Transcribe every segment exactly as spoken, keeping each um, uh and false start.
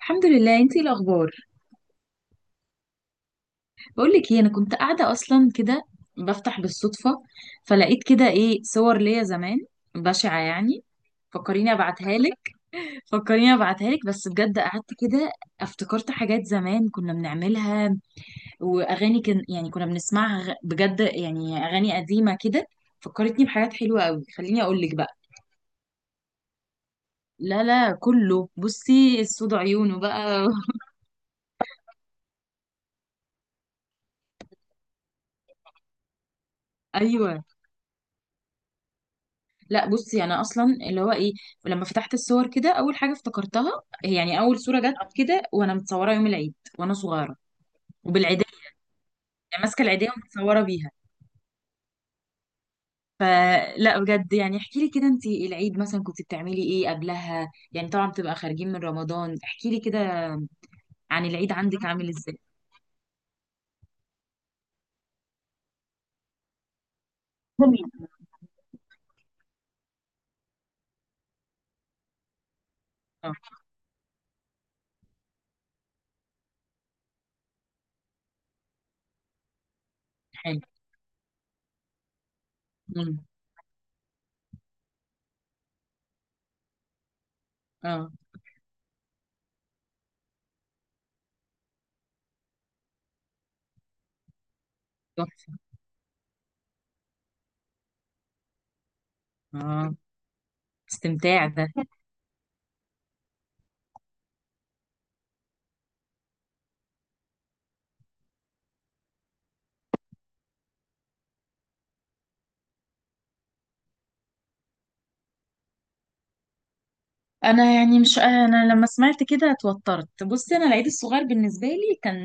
الحمد لله. انتي الاخبار؟ بقول لك ايه، انا كنت قاعده اصلا كده بفتح بالصدفه، فلقيت كده ايه صور ليا زمان بشعه يعني. فكريني ابعتها لك. فكريني ابعتها لك بس بجد قعدت كده افتكرت حاجات زمان كنا بنعملها، واغاني كان يعني كنا بنسمعها غ- بجد يعني اغاني قديمه كده، فكرتني بحاجات حلوه قوي. خليني اقول لك بقى. لا لا، كله بصي السود عيونه بقى. ايوه. لا بصي يعني انا اصلا اللي هو ايه، لما فتحت الصور كده اول حاجه افتكرتها هي يعني اول صوره جت كده وانا متصوره يوم العيد وانا صغيره وبالعيديه، يعني ماسكه العيديه ومتصوره بيها. فلا بجد يعني احكي لي كده، انت العيد مثلا كنت بتعملي ايه قبلها؟ يعني طبعا بتبقى خارجين من رمضان، احكي لي كده عن العيد عندك عامل ازاي. جميل. اه. حلو. مم. اه. تحفه. اه. استمتاع ده. انا يعني، مش انا لما سمعت كده اتوترت. بصي انا العيد الصغير بالنسبه لي كان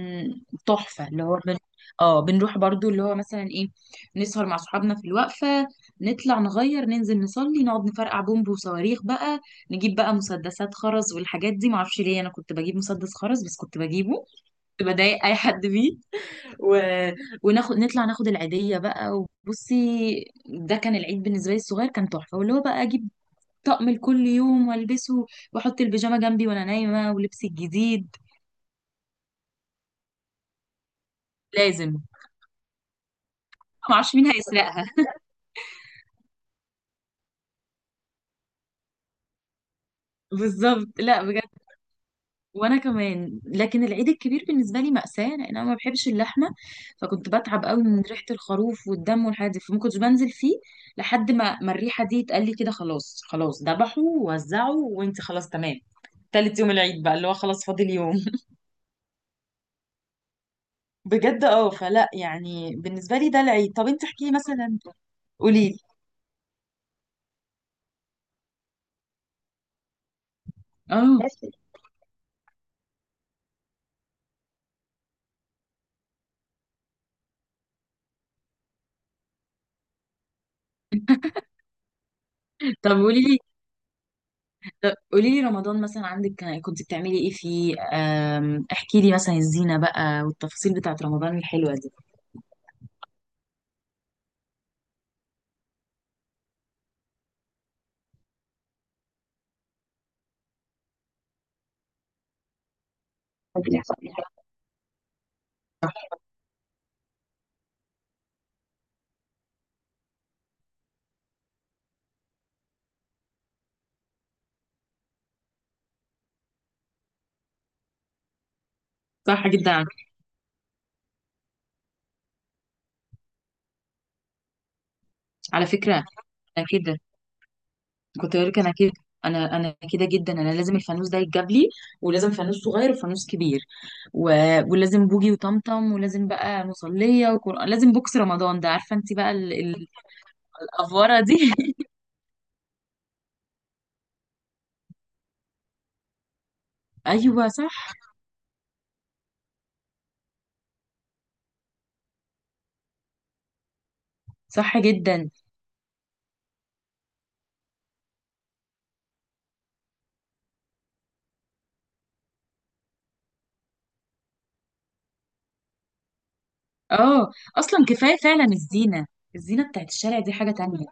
تحفه، اللي هو بن... اه بنروح برضو اللي هو مثلا ايه، نسهر مع صحابنا في الوقفه، نطلع نغير ننزل نصلي نقعد نفرقع بومب وصواريخ بقى، نجيب بقى مسدسات خرز والحاجات دي. معرفش ليه انا كنت بجيب مسدس خرز، بس كنت بجيبه، كنت بضايق اي حد بيه. و... وناخد نطلع ناخد العيديه بقى. وبصي، ده كان العيد بالنسبه لي. الصغير كان تحفه، واللي هو بقى اجيب طقم لكل يوم والبسه، واحط البيجامه جنبي وانا نايمه ولبسي الجديد. لازم، ما اعرفش مين هيسرقها. بالظبط، لا بجد. وانا كمان. لكن العيد الكبير بالنسبه لي مأساة، لان انا ما بحبش اللحمه، فكنت بتعب قوي من ريحه الخروف والدم والحاجات دي، فما كنتش بنزل فيه لحد ما ما الريحه دي اتقال لي كده خلاص خلاص ذبحوا ووزعوا وانت خلاص تمام. تالت يوم العيد بقى اللي هو خلاص فاضل يوم. بجد اه. فلا يعني بالنسبه لي ده العيد. طب انت احكي مثلا، قولي لي. اه. طب قولي لي، قولي لي رمضان مثلا عندك كان- كنت بتعملي ايه فيه أم، احكي لي مثلا الزينة بقى والتفاصيل بتاعت رمضان الحلوة دي. صح جدا. على فكرة انا كده، كنت بقول لك انا كده، انا انا كده جدا. انا لازم الفانوس ده يتجاب لي، ولازم فانوس صغير وفانوس كبير و... ولازم بوجي وطمطم، ولازم بقى مصلية وقرآن، لازم بوكس رمضان ده، عارفة انت بقى ال... ال... الأفورة دي. ايوه صح. صح جدا. اه اصلا كفايه فعلا الزينه، الزينه بتاعت الشارع دي حاجه تانية.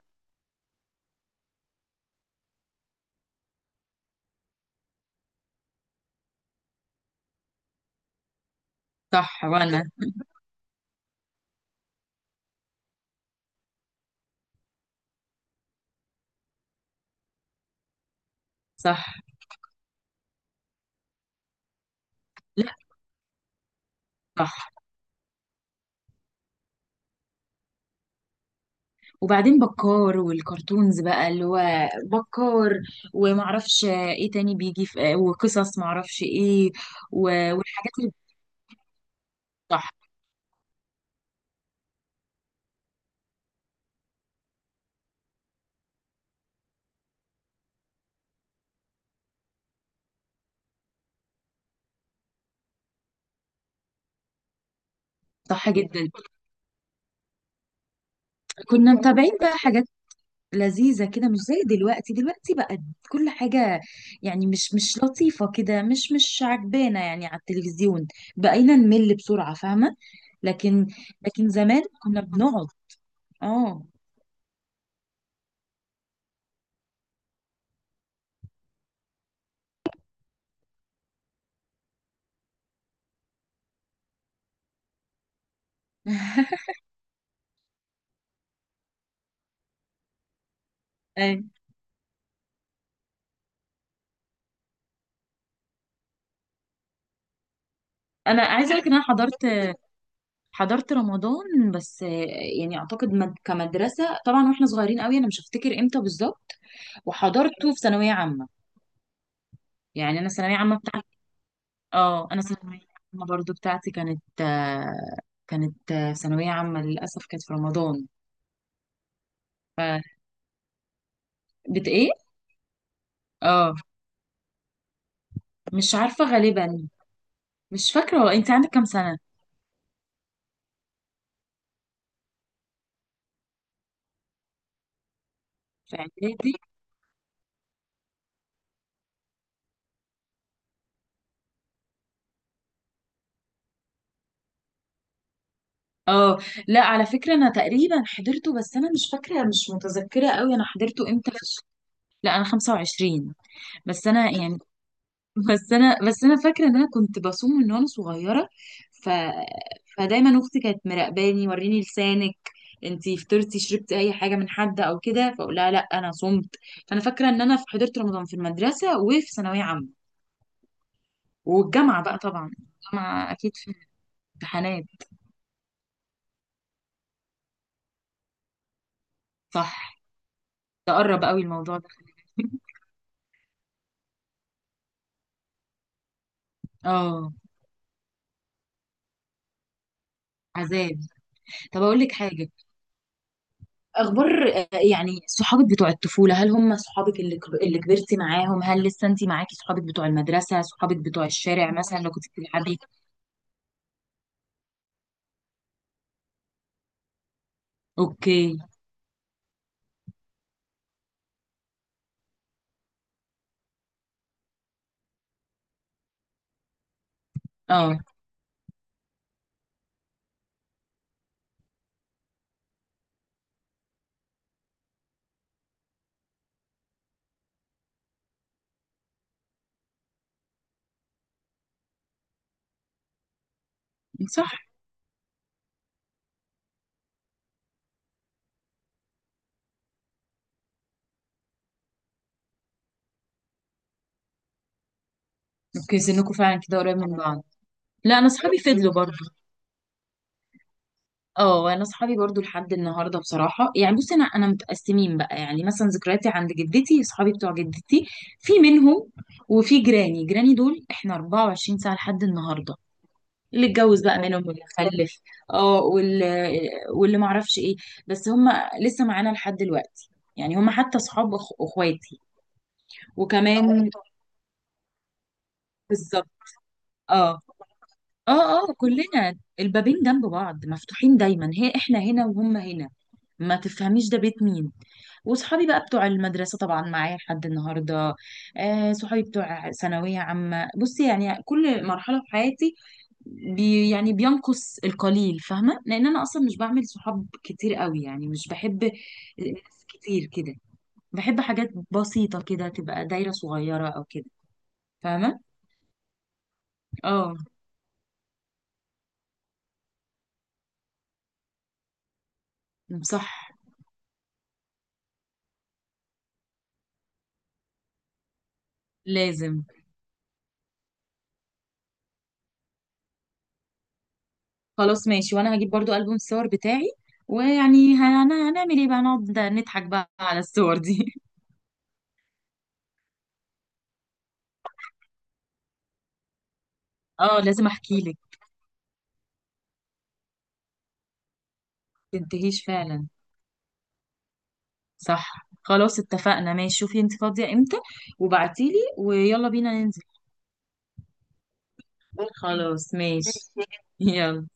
صح. وانا صح. لا صح. وبعدين بكار والكرتونز بقى اللي هو بكار، ومعرفش ايه تاني بيجي، في وقصص معرفش ايه، و- والحاجات اللي صح. صح جدا. كنا متابعين بقى حاجات لذيذة كده مش زي دلوقتي. دلوقتي بقت كل حاجة يعني مش مش لطيفة كده، مش مش عجبانة يعني. على التلفزيون بقينا نمل بسرعة، فاهمة. لكن، لكن زمان كنا بنقعد. اه. أي. انا عايزه اقول لك ان انا حضرت حضرت رمضان بس آه، يعني اعتقد مد- كمدرسه طبعا واحنا صغيرين قوي، انا مش هفتكر امتى بالظبط، وحضرته في ثانويه عامه. يعني انا ثانويه عامه. اه انا ثانويه عامه برضو، بتاعتي كانت آه، كانت آه، ثانويه عامه للاسف كانت في رمضان. ف بت ايه؟ اه مش عارفه غالبا. مش فاكره، هو انت عندك كام سنه؟ في اعدادي؟ اه لا على فكره انا تقريبا حضرته، بس انا مش فاكره، مش متذكره قوي انا حضرته امتى. لا انا خمسة وعشرين. بس انا يعني بس انا بس انا فاكره ان انا كنت بصوم من وانا صغيره. ف فدايما اختي كانت مراقباني، وريني لسانك، انتي فطرتي شربتي اي حاجه من حد او كده، فاقول لها لا انا صمت. فانا فاكره ان انا في حضرت رمضان في المدرسه وفي ثانويه عامه والجامعه بقى طبعا. الجامعه اكيد في امتحانات. صح. تقرب قوي الموضوع ده. اه. عذاب. طب اقول لك حاجه، اخبار آه، يعني صحابك بتوع الطفوله، هل هم صحابك اللي كب- اللي كبرتي معاهم، هل لسه انت معاكي صحابك بتوع المدرسه، صحابك بتوع الشارع مثلا لو كنت بتلعبي؟ اوكي. اه. صح. اوكي سنكم فعلا كده قريب من بعض. لا انا صحابي فضلوا برضو. اه انا صحابي برضو لحد النهارده بصراحه، يعني بصي انا انا متقسمين بقى يعني مثلا، ذكرياتي عند جدتي صحابي بتوع جدتي في منهم، وفي جيراني، جيراني دول احنا اربعة وعشرين ساعه لحد النهارده، اللي اتجوز بقى منهم واللي خلف، اه، واللي، واللي ما اعرفش ايه، بس هم لسه معانا لحد دلوقتي، يعني هم حتى اصحاب أخ- اخواتي. وكمان. بالظبط. اه. اه اه كلنا البابين جنب بعض مفتوحين دايما، هي احنا هنا وهم هنا، ما تفهميش ده بيت مين. وصحابي بقى بتوع المدرسة طبعا معايا لحد النهاردة. آه صحابي بتوع ثانوية عامة. بصي يعني كل مرحلة في حياتي بي يعني بينقص القليل، فاهمه؟ لان انا اصلا مش بعمل صحاب كتير قوي، يعني مش بحب ناس كتير كده، بحب حاجات بسيطه كده تبقى دايره صغيره او كده، فاهمه. اه. صح. لازم. خلاص ماشي، وانا هجيب برضو ألبوم الصور بتاعي، ويعني هن- هنعمل ايه بقى، نقعد نضحك بقى على الصور دي. اه لازم احكي لك. تنتهيش فعلا. صح خلاص اتفقنا. ماشي شوفي انت فاضيه امتى وبعتيلي، ويلا بينا ننزل. خلاص ماشي. يلا.